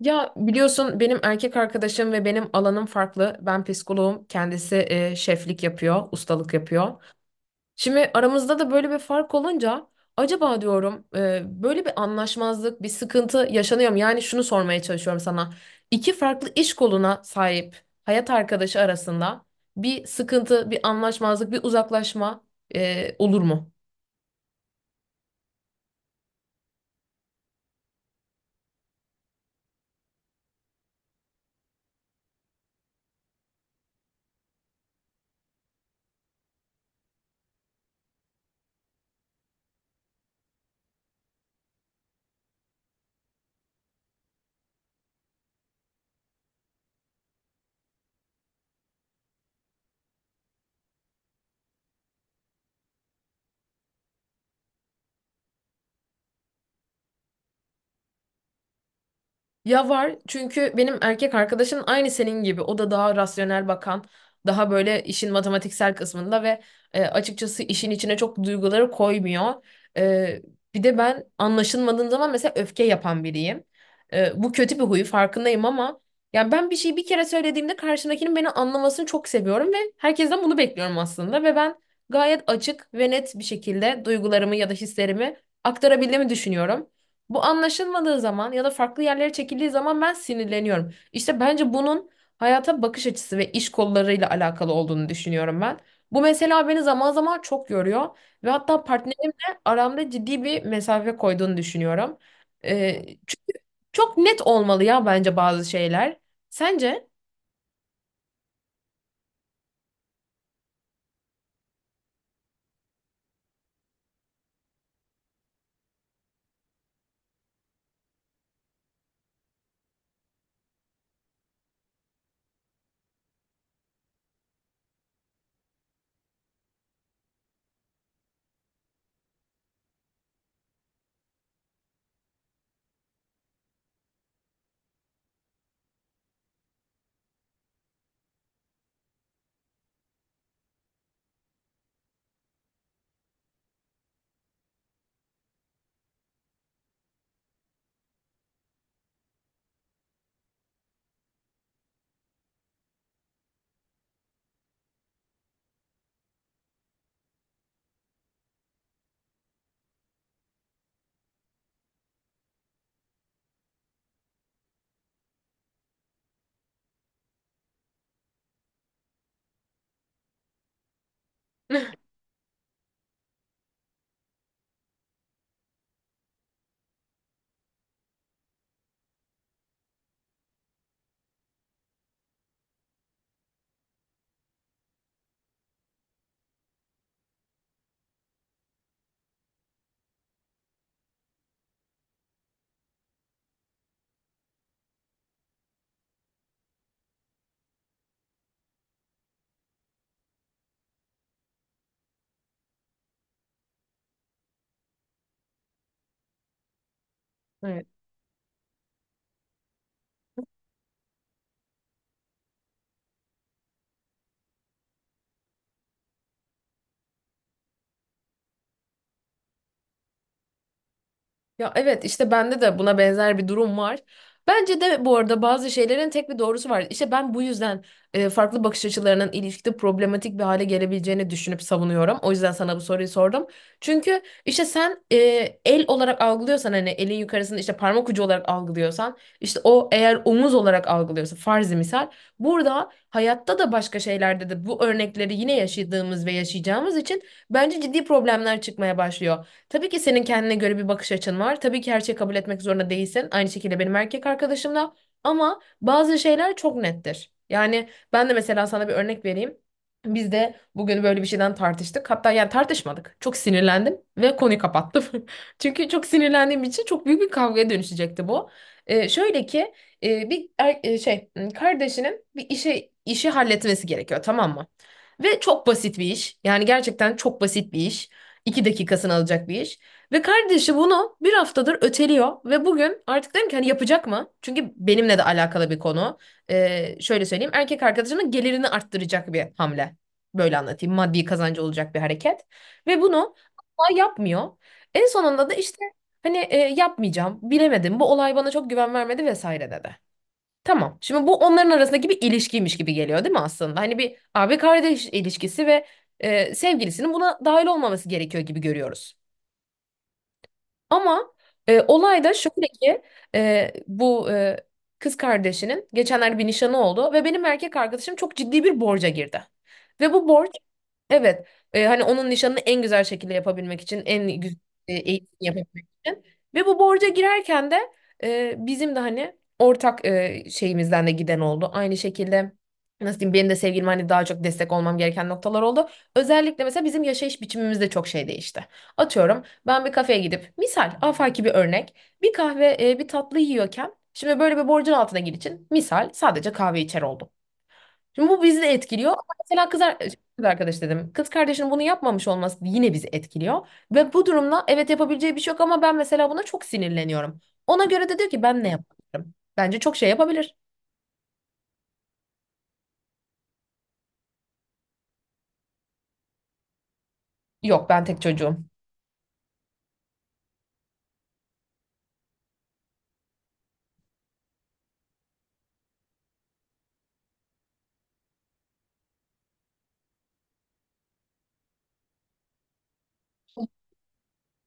Ya biliyorsun benim erkek arkadaşım ve benim alanım farklı. Ben psikoloğum, kendisi şeflik yapıyor, ustalık yapıyor. Şimdi aramızda da böyle bir fark olunca acaba diyorum böyle bir anlaşmazlık, bir sıkıntı yaşanıyor mu? Yani şunu sormaya çalışıyorum sana. İki farklı iş koluna sahip hayat arkadaşı arasında bir sıkıntı, bir anlaşmazlık, bir uzaklaşma olur mu? Ya var çünkü benim erkek arkadaşım aynı senin gibi. O da daha rasyonel bakan, daha böyle işin matematiksel kısmında ve açıkçası işin içine çok duyguları koymuyor. E, Bir de ben anlaşılmadığım zaman mesela öfke yapan biriyim. Bu kötü bir huyu farkındayım ama yani ben bir şeyi bir kere söylediğimde karşımdakinin beni anlamasını çok seviyorum ve herkesten bunu bekliyorum aslında ve ben gayet açık ve net bir şekilde duygularımı ya da hislerimi aktarabildiğimi düşünüyorum. Bu anlaşılmadığı zaman ya da farklı yerlere çekildiği zaman ben sinirleniyorum. İşte bence bunun hayata bakış açısı ve iş kollarıyla alakalı olduğunu düşünüyorum ben. Bu mesela beni zaman zaman çok yoruyor ve hatta partnerimle aramda ciddi bir mesafe koyduğunu düşünüyorum. Çünkü çok net olmalı ya bence bazı şeyler. Sence? Evet. Ya evet işte bende de buna benzer bir durum var. Bence de bu arada bazı şeylerin tek bir doğrusu var. İşte ben bu yüzden farklı bakış açılarının ilişkide problematik bir hale gelebileceğini düşünüp savunuyorum. O yüzden sana bu soruyu sordum. Çünkü işte sen el olarak algılıyorsan hani elin yukarısını işte parmak ucu olarak algılıyorsan işte o eğer omuz olarak algılıyorsa farzi misal burada hayatta da başka şeylerde de bu örnekleri yine yaşadığımız ve yaşayacağımız için bence ciddi problemler çıkmaya başlıyor. Tabii ki senin kendine göre bir bakış açın var. Tabii ki her şeyi kabul etmek zorunda değilsin. Aynı şekilde benim erkek arkadaşım da. Ama bazı şeyler çok nettir. Yani ben de mesela sana bir örnek vereyim. Biz de bugün böyle bir şeyden tartıştık. Hatta yani tartışmadık. Çok sinirlendim ve konuyu kapattım. Çünkü çok sinirlendiğim için çok büyük bir kavgaya dönüşecekti bu. Şöyle ki şey kardeşinin bir işe işi halletmesi gerekiyor tamam mı? Ve çok basit bir iş. Yani gerçekten çok basit bir iş. İki dakikasını alacak bir iş. Ve kardeşi bunu bir haftadır öteliyor ve bugün artık dedim ki hani yapacak mı? Çünkü benimle de alakalı bir konu. Şöyle söyleyeyim erkek arkadaşının gelirini arttıracak bir hamle. Böyle anlatayım maddi kazancı olacak bir hareket. Ve bunu asla yapmıyor. En sonunda da işte hani yapmayacağım bilemedim bu olay bana çok güven vermedi vesaire dedi. Tamam. Şimdi bu onların arasındaki bir ilişkiymiş gibi geliyor değil mi aslında? Hani bir abi kardeş ilişkisi ve sevgilisinin buna dahil olmaması gerekiyor gibi görüyoruz. Ama olay da şöyle ki e, bu e, kız kardeşinin geçenlerde bir nişanı oldu ve benim erkek arkadaşım çok ciddi bir borca girdi. Ve bu borç evet hani onun nişanını en güzel şekilde yapabilmek için en güzel eğitim yapabilmek için. Ve bu borca girerken de bizim de hani ortak şeyimizden de giden oldu. Aynı şekilde nasıl diyeyim benim de sevgilim hani daha çok destek olmam gereken noktalar oldu. Özellikle mesela bizim yaşayış biçimimiz de çok şey değişti. Atıyorum. Ben bir kafeye gidip misal afaki bir örnek bir kahve bir tatlı yiyorken şimdi böyle bir borcun altına gir için misal sadece kahve içer oldum. Şimdi bu bizi de etkiliyor. Ama mesela kız arkadaş dedim. Kız kardeşinin bunu yapmamış olması yine bizi etkiliyor. Ve bu durumda evet yapabileceği bir şey yok ama ben mesela buna çok sinirleniyorum. Ona göre de diyor ki ben ne yapabilirim? Bence çok şey yapabilir. Yok ben tek çocuğum.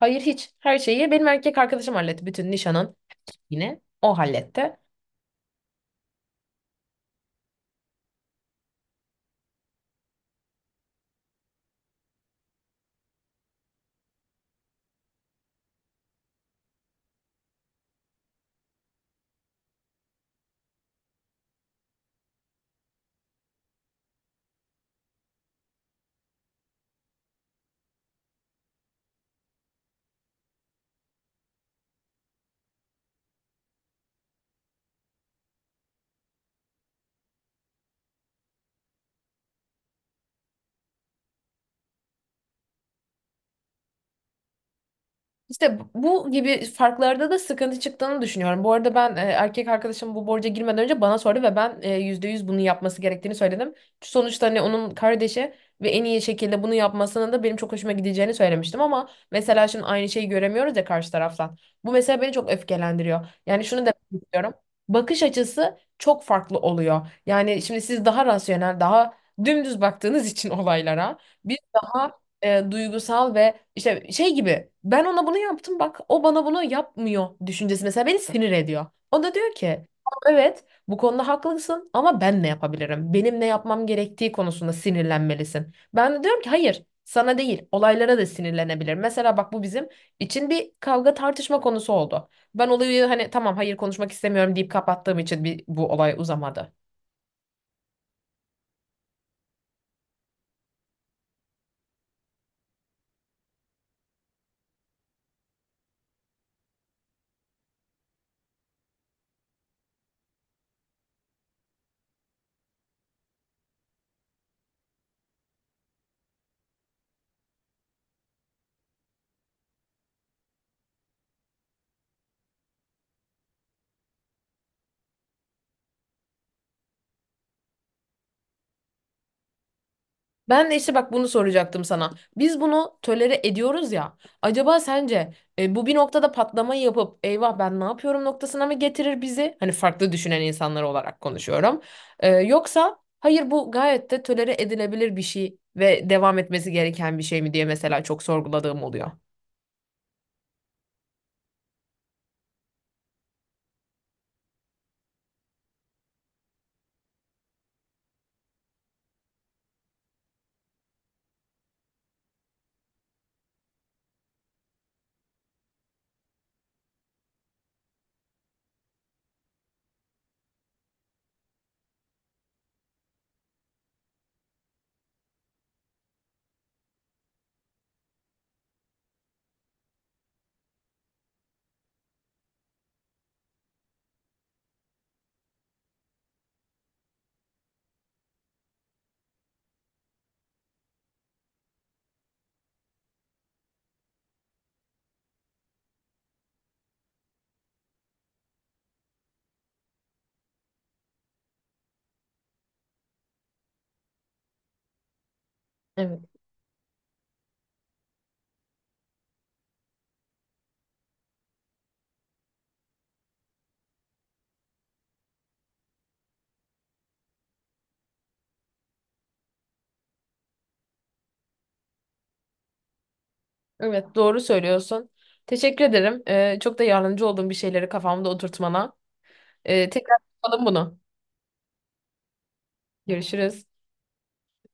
Hayır hiç. Her şeyi benim erkek arkadaşım halletti. Bütün nişanın, yine. O halletti. İşte bu gibi farklarda da sıkıntı çıktığını düşünüyorum. Bu arada ben erkek arkadaşım bu borca girmeden önce bana sordu ve ben %100 bunu yapması gerektiğini söyledim. Sonuçta hani onun kardeşi ve en iyi şekilde bunu yapmasının da benim çok hoşuma gideceğini söylemiştim ama mesela şimdi aynı şeyi göremiyoruz ya karşı taraftan. Bu mesela beni çok öfkelendiriyor. Yani şunu demek istiyorum. Bakış açısı çok farklı oluyor. Yani şimdi siz daha rasyonel, daha dümdüz baktığınız için olaylara biz daha duygusal ve işte şey gibi ben ona bunu yaptım bak o bana bunu yapmıyor düşüncesi mesela beni sinir ediyor. O da diyor ki "Tamam, evet bu konuda haklısın ama ben ne yapabilirim? Benim ne yapmam gerektiği konusunda sinirlenmelisin. Ben de diyorum ki hayır sana değil olaylara da sinirlenebilir. Mesela bak bu bizim için bir kavga tartışma konusu oldu. Ben olayı hani tamam hayır konuşmak istemiyorum deyip kapattığım için bir, bu olay uzamadı. Ben de işte bak bunu soracaktım sana. Biz bunu tölere ediyoruz ya. Acaba sence bu bir noktada patlamayı yapıp eyvah ben ne yapıyorum noktasına mı getirir bizi? Hani farklı düşünen insanlar olarak konuşuyorum. Yoksa hayır bu gayet de tolere edilebilir bir şey ve devam etmesi gereken bir şey mi diye mesela çok sorguladığım oluyor. Evet. Evet doğru söylüyorsun. Teşekkür ederim. Çok da yardımcı olduğum bir şeyleri kafamda oturtmana. Tekrar yapalım bunu. Görüşürüz.